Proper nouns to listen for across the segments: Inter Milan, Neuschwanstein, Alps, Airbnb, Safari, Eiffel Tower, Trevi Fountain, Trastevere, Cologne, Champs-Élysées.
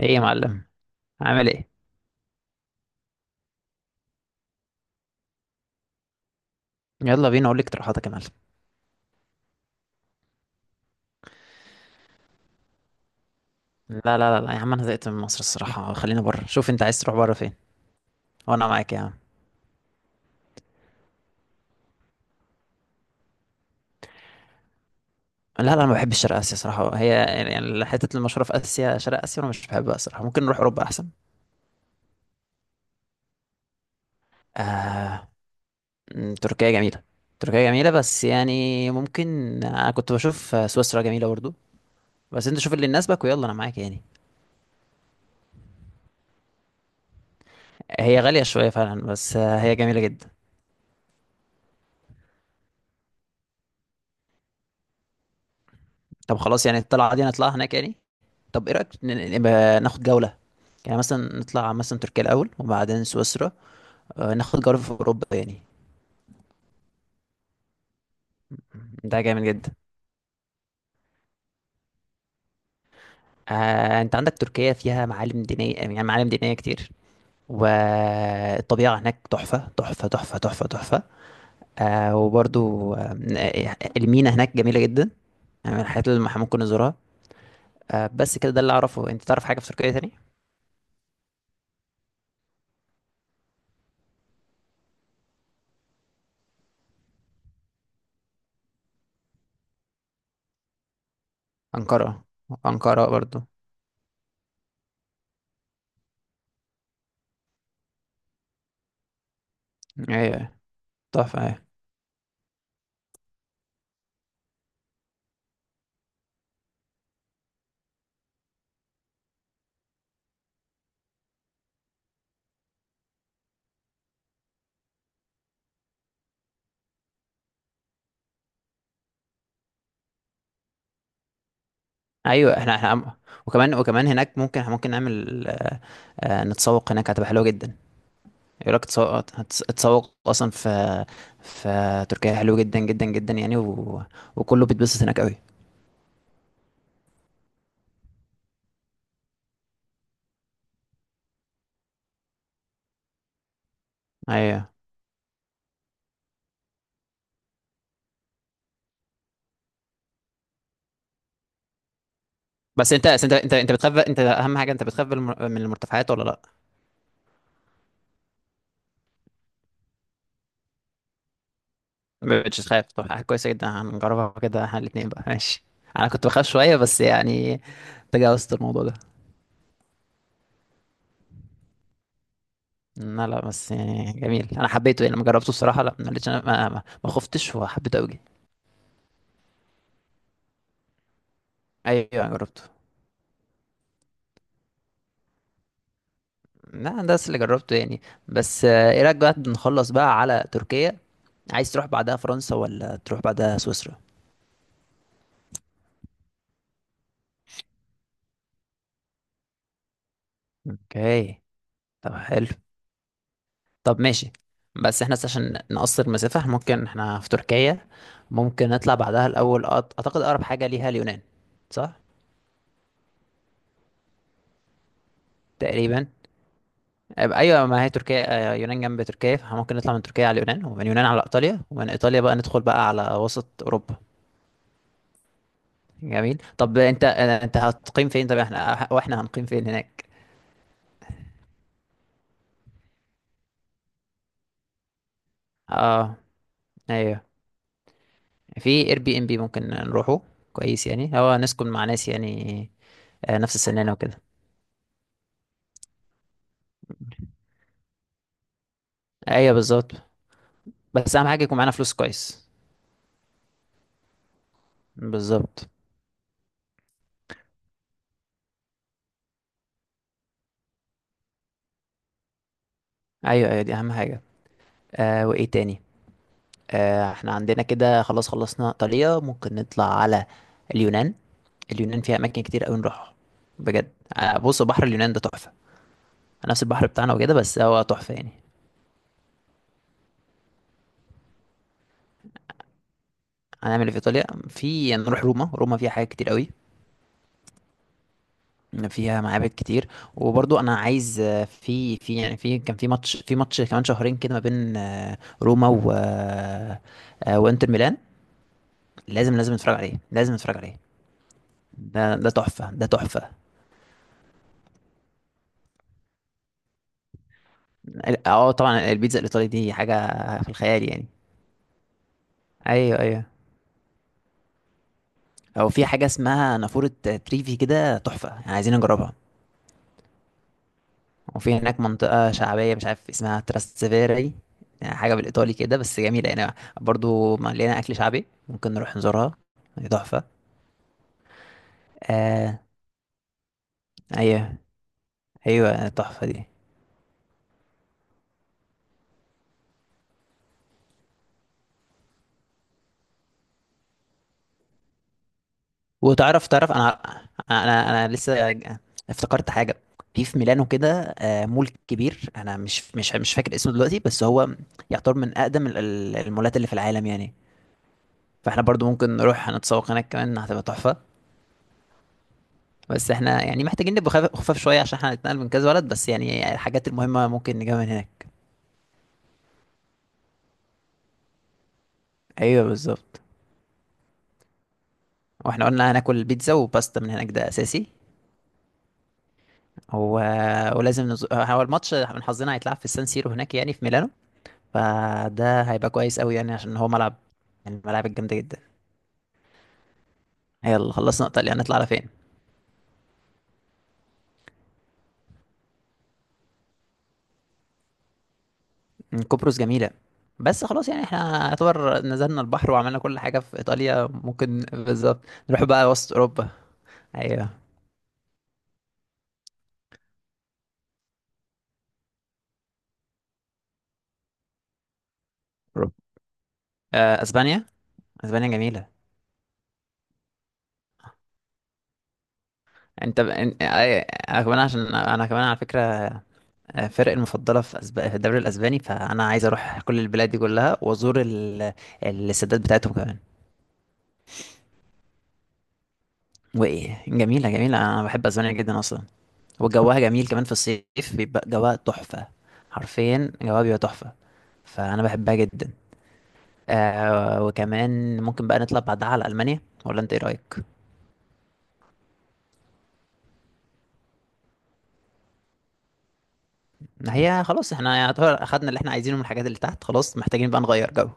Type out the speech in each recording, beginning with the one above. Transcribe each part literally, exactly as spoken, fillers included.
ايه يا معلم؟ عامل ايه؟ يلا بينا اقول لك اقتراحاتك يا معلم. لا لا لا لا يا عم، انا زهقت من مصر الصراحه، خلينا بره. شوف انت عايز تروح بره فين وانا معاك يا عم. لا لا انا ما بحبش شرق اسيا صراحه، هي يعني حته المشهوره في اسيا شرق اسيا انا مش بحبها صراحه، ممكن نروح اوروبا احسن. آه... م، تركيا جميله. تركيا جميله بس يعني ممكن. انا كنت بشوف سويسرا جميله برضو، بس انت شوف اللي يناسبك ويلا انا معاك يعني. هي غاليه شويه فعلا، بس آه، هي جميله جدا. طب خلاص، يعني الطلعة دي نطلعها هناك يعني. طب ايه رأيك ن- نبقى ناخد جولة؟ يعني مثلا نطلع مثلا تركيا الأول وبعدين سويسرا. آه، ناخد جولة في أوروبا يعني. ده جامد جدا. آه، انت عندك تركيا فيها معالم دينية، يعني معالم دينية كتير، والطبيعة هناك تحفة تحفة تحفة تحفة تحفة. آه، وبرضو آه، المينا هناك جميلة جدا، يعني من الحاجات اللي احنا ممكن نزورها. آه، بس كده ده اللي أعرفه، انت تعرف حاجة في تركيا تاني؟ أنقرة. أنقرة برضو. ايوه، تحفة. أيوة. ايوه احنا احنا عم- وكمان وكمان هناك ممكن ممكن نعمل آه، آه، نتسوق هناك، هتبقى حلوه جدا. يقول لك تسوق تتسوق اصلا في في تركيا حلو جدا جدا جدا يعني، و... وكله بيتبسط هناك قوي. ايوه. بس انت بس انت انت انت بتخاف، انت اهم حاجه انت بتخاف بالم- من المرتفعات ولا لا؟ ما بتخاف؟ طب حاجه كويسه جدا، هنجربها كده احنا الاثنين بقى، ماشي. انا كنت بخاف شويه بس يعني تجاوزت الموضوع ده. لا لا، بس يعني جميل، انا حبيته يعني لما جربته الصراحه، لا ما لقيتش، انا ما, ما ما خفتش وحبيته قوي. ايوه جربته. لا ده بس اللي جربته يعني. بس آه، ايه رايك بقى نخلص بقى على تركيا؟ عايز تروح بعدها فرنسا ولا تروح بعدها سويسرا؟ اوكي. طب حلو. طب ماشي. بس احنا بس عشان نقصر مسافة إحنا ممكن احنا في تركيا ممكن نطلع بعدها الاول، أط- اعتقد اقرب حاجة ليها اليونان، صح؟ تقريبا. أب- ايوه، ما هي تركيا آه، يونان جنب تركيا، فممكن نطلع من تركيا على اليونان ومن اليونان على ايطاليا ومن ايطاليا بقى ندخل بقى على وسط اوروبا. جميل. طب انت انت هتقيم فين؟ طب احنا واحنا هنقيم فين هناك؟ اه. ايوه. في اير بي ام بي ممكن نروحه، كويس يعني، هو نسكن مع ناس يعني آه، نفس سننا وكده. ايوه بالظبط. بس اهم حاجه يكون معانا فلوس كويس. بالظبط. ايوه ايوه دي اهم حاجه. آه وايه تاني؟ آه احنا عندنا كده خلاص، خلصنا ايطاليا، ممكن نطلع على اليونان. اليونان فيها اماكن كتير قوي نروحها، بجد. آه بص بحر اليونان ده تحفه، نفس البحر بتاعنا وكده بس هو تحفه يعني. هنعمل ايه في ايطاليا؟ في نروح روما، روما فيها حاجات كتير قوي، فيها معابد كتير، وبرضو انا عايز آه، في في يعني في كان في ماتش في ماتش كمان شهرين كده ما بين آه، روما و آه، آه، وانتر ميلان. لازم لازم نتفرج عليه، لازم نتفرج عليه. ده ده تحفة، ده تحفة. اه طبعا، البيتزا الايطالي دي حاجة في الخيال يعني. ايوه ايوه. او في حاجة اسمها نافورة تريفي كده، تحفة يعني، عايزين نجربها. وفي هناك منطقة شعبية مش عارف اسمها، تراستيفيري، يعني حاجة بالإيطالي كده بس جميلة يعني، برضو مليانة أكل شعبي، ممكن نروح نزورها، هي تحفة. آه. أيوه. أيوه تحفة دي. وتعرف تعرف أنا أنا أنا لسه افتكرت حاجة. في في ميلانو كده آه، مول كبير، أنا مش مش مش فاكر اسمه دلوقتي، بس هو يعتبر من أقدم ال- ال- المولات اللي في العالم يعني. فاحنا برضو ممكن نروح نتسوق هناك كمان، هتبقى تحفة. بس احنا يعني محتاجين نبقى خف- خفاف شويه عشان احنا هنتنقل من كذا بلد، بس يعني الحاجات المهمه ممكن نجيبها من هناك. ايوه بالظبط. واحنا قلنا هناكل بيتزا وباستا من هناك، ده اساسي. و... ولازم نز... هو الماتش من حظنا هيتلعب في سان سيرو هناك يعني في ميلانو، فده هيبقى كويس قوي يعني، عشان هو ملعب من الملاعب الجامده جدا. يلا خلصنا ايطاليا، هنطلع على فين؟ م، قبرص جميله، بس خلاص يعني احنا يعتبر نزلنا البحر وعملنا كل حاجه في ايطاليا، ممكن بالظبط نروح بقى وسط اوروبا. ايوه. أوروبا. آه، اسبانيا. اسبانيا جميله. انت ب... ان- آه، انا كمان، عشان انا كمان على فكره آه، فرق المفضله في أسب... في الدوري الاسباني، فانا عايز اروح كل البلاد دي كلها وازور ال... السدات بتاعتهم كمان. وايه جميله، جميله، انا بحب اسبانيا جدا اصلا، وجوها جميل كمان في الصيف، بيبقى جوها تحفه، حرفيا جوها بيبقى تحفه، فانا بحبها جدا. آه وكمان ممكن بقى نطلع بعدها على المانيا، ولا انت ايه رايك؟ هي خلاص احنا يعتبر اخدنا اللي احنا عايزينه من الحاجات اللي تحت، خلاص محتاجين بقى نغير جو.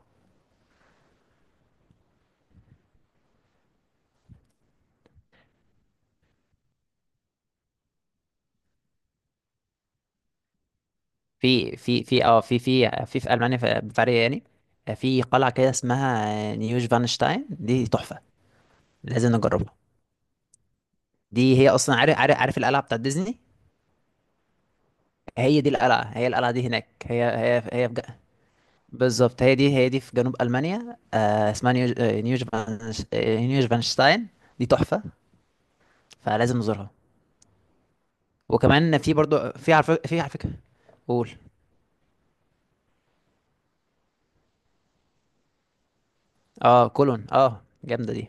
في في في اه في في في في المانيا، في بافاريا يعني، في قلعه كده اسمها نيوش فانشتاين، دي تحفه، لازم نجربها. دي هي اصلا، عارف عارف عارف القلعه بتاعت ديزني؟ هي دي القلعه، هي القلعه دي هناك، هي هي هي في ج- بالظبط، هي دي، هي دي في جنوب المانيا، آه اسمها نيوش، آه، نيوش فانش آه، نيوش فانشتاين، دي تحفه، فلازم نزورها. وكمان في برضو، في عارف، في على فكره، قول. اه كولون، اه جامده دي.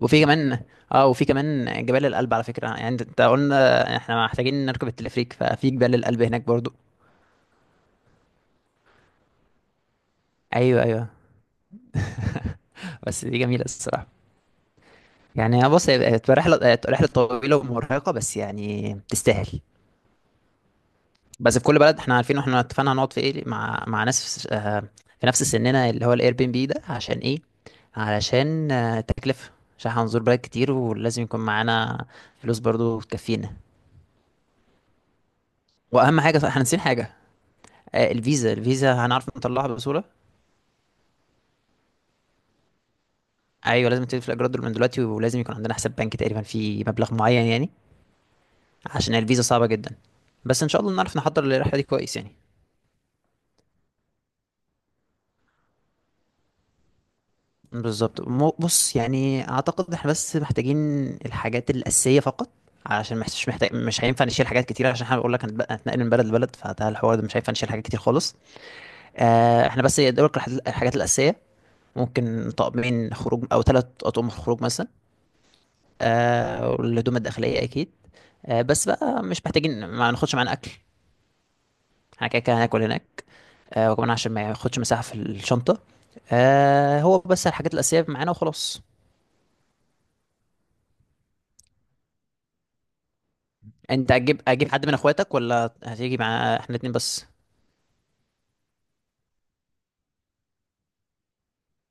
وفي كمان، اه وفي كمان جبال الألب على فكرة، يعني انت أنت قلنا احنا محتاجين نركب التلفريك، ففي جبال الألب هناك برضو. ايوه ايوه. بس دي جميلة الصراحة، يعني بص هي هتبقى رحلة، هتبقى رحلة طويلة ومرهقة، بس يعني تستاهل. بس في كل بلد احنا عارفين واحنا اتفقنا هنقعد في ايه، مع مع ناس آه، في نفس سننا اللي هو الاير بي ام بي ده، عشان ايه؟ علشان آه، التكلفة، عشان هنزور بلد كتير ولازم يكون معانا فلوس برضو تكفينا. واهم حاجة، صح احنا ناسيين حاجة، آه، الفيزا، الفيزا هنعرف نطلعها بسهولة؟ ايوه لازم تدفع الاجرات دول من دلوقتي، ولازم يكون عندنا حساب بنكي تقريبا فيه مبلغ معين يعني، عشان الفيزا صعبه جدا. بس ان شاء الله نعرف نحضر للرحله دي كويس يعني. بالظبط. مو- بص يعني اعتقد احنا بس محتاجين الحاجات الاساسيه فقط، عشان مش مش محتاج مش هينفع نشيل حاجات كتير، عشان احنا بقول لك هنتبقى- هنتنقل من بلد لبلد، فده الحوار ده مش هينفع نشيل حاجات كتير خالص. آه احنا بس يدوك الحاجات الحاجات الاساسيه، ممكن طقمين خروج او ثلاث اطقم خروج مثلا، آه والهدوم الداخليه اكيد. آه بس بقى مش محتاجين ما ناخدش معانا اكل، احنا كده كده هناكل هناك. آه وكمان عشان ما ياخدش مساحة في الشنطة، آه هو بس الحاجات الأساسية معانا وخلاص. انت اجيب اجيب حد من اخواتك، ولا هتيجي مع احنا الاتنين بس؟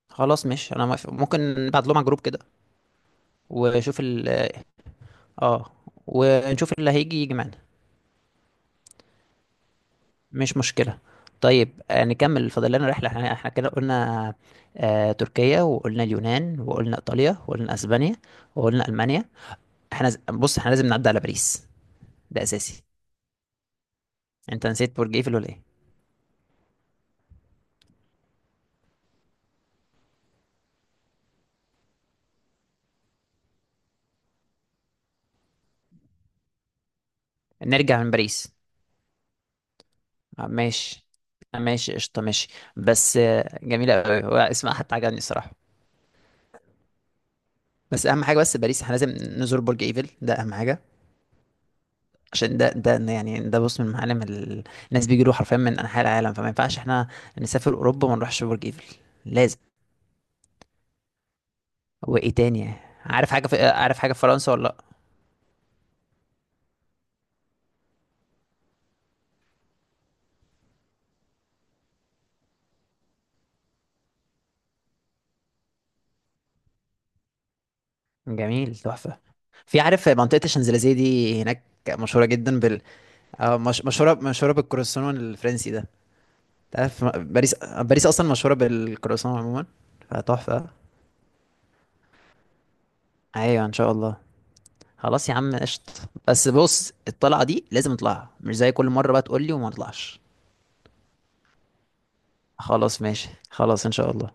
خلاص ماشي انا موافق، ممكن نبعت لهم على الجروب كده. وشوف ال اه ونشوف اللي هيجي يجي معانا. مش مشكلة. طيب آه نكمل، فاضل لنا رحلة، احنا احنا كده قلنا آه تركيا، وقلنا اليونان، وقلنا ايطاليا، وقلنا اسبانيا، وقلنا المانيا. احنا ز- بص احنا لازم نعدي على باريس، ده اساسي. انت نسيت برج ايفل ولا ايه؟ نرجع من باريس. آه، ماشي. آه، ماشي قشطة، ماشي. بس آه، جميلة أوي، هو اسمها حتى عجبني الصراحة. بس أهم حاجة، بس باريس احنا لازم نزور برج إيفل، ده أهم حاجة، عشان ده ده يعني ده بص من معالم ال- الناس بيجيله حرفيا من أنحاء العالم، فما ينفعش احنا نسافر أوروبا وما نروحش برج إيفل، لازم. وإيه تاني؟ عارف حاجة في آه، عارف حاجة في فرنسا ولا لأ؟ جميل تحفة. في عارف منطقة الشانزليزيه دي هناك، مشهورة جدا بال آه، مش... مشهورة مشهورة بالكروسون الفرنسي ده. تعرف م- باريس، باريس اصلا مشهوره بالكرواسون عموما، فتحفه. ايوه ان شاء الله. خلاص يا عم قشط. بس بص الطلعه دي لازم نطلعها، مش زي كل مره بقى تقول لي وما نطلعش. خلاص ماشي، خلاص ان شاء الله.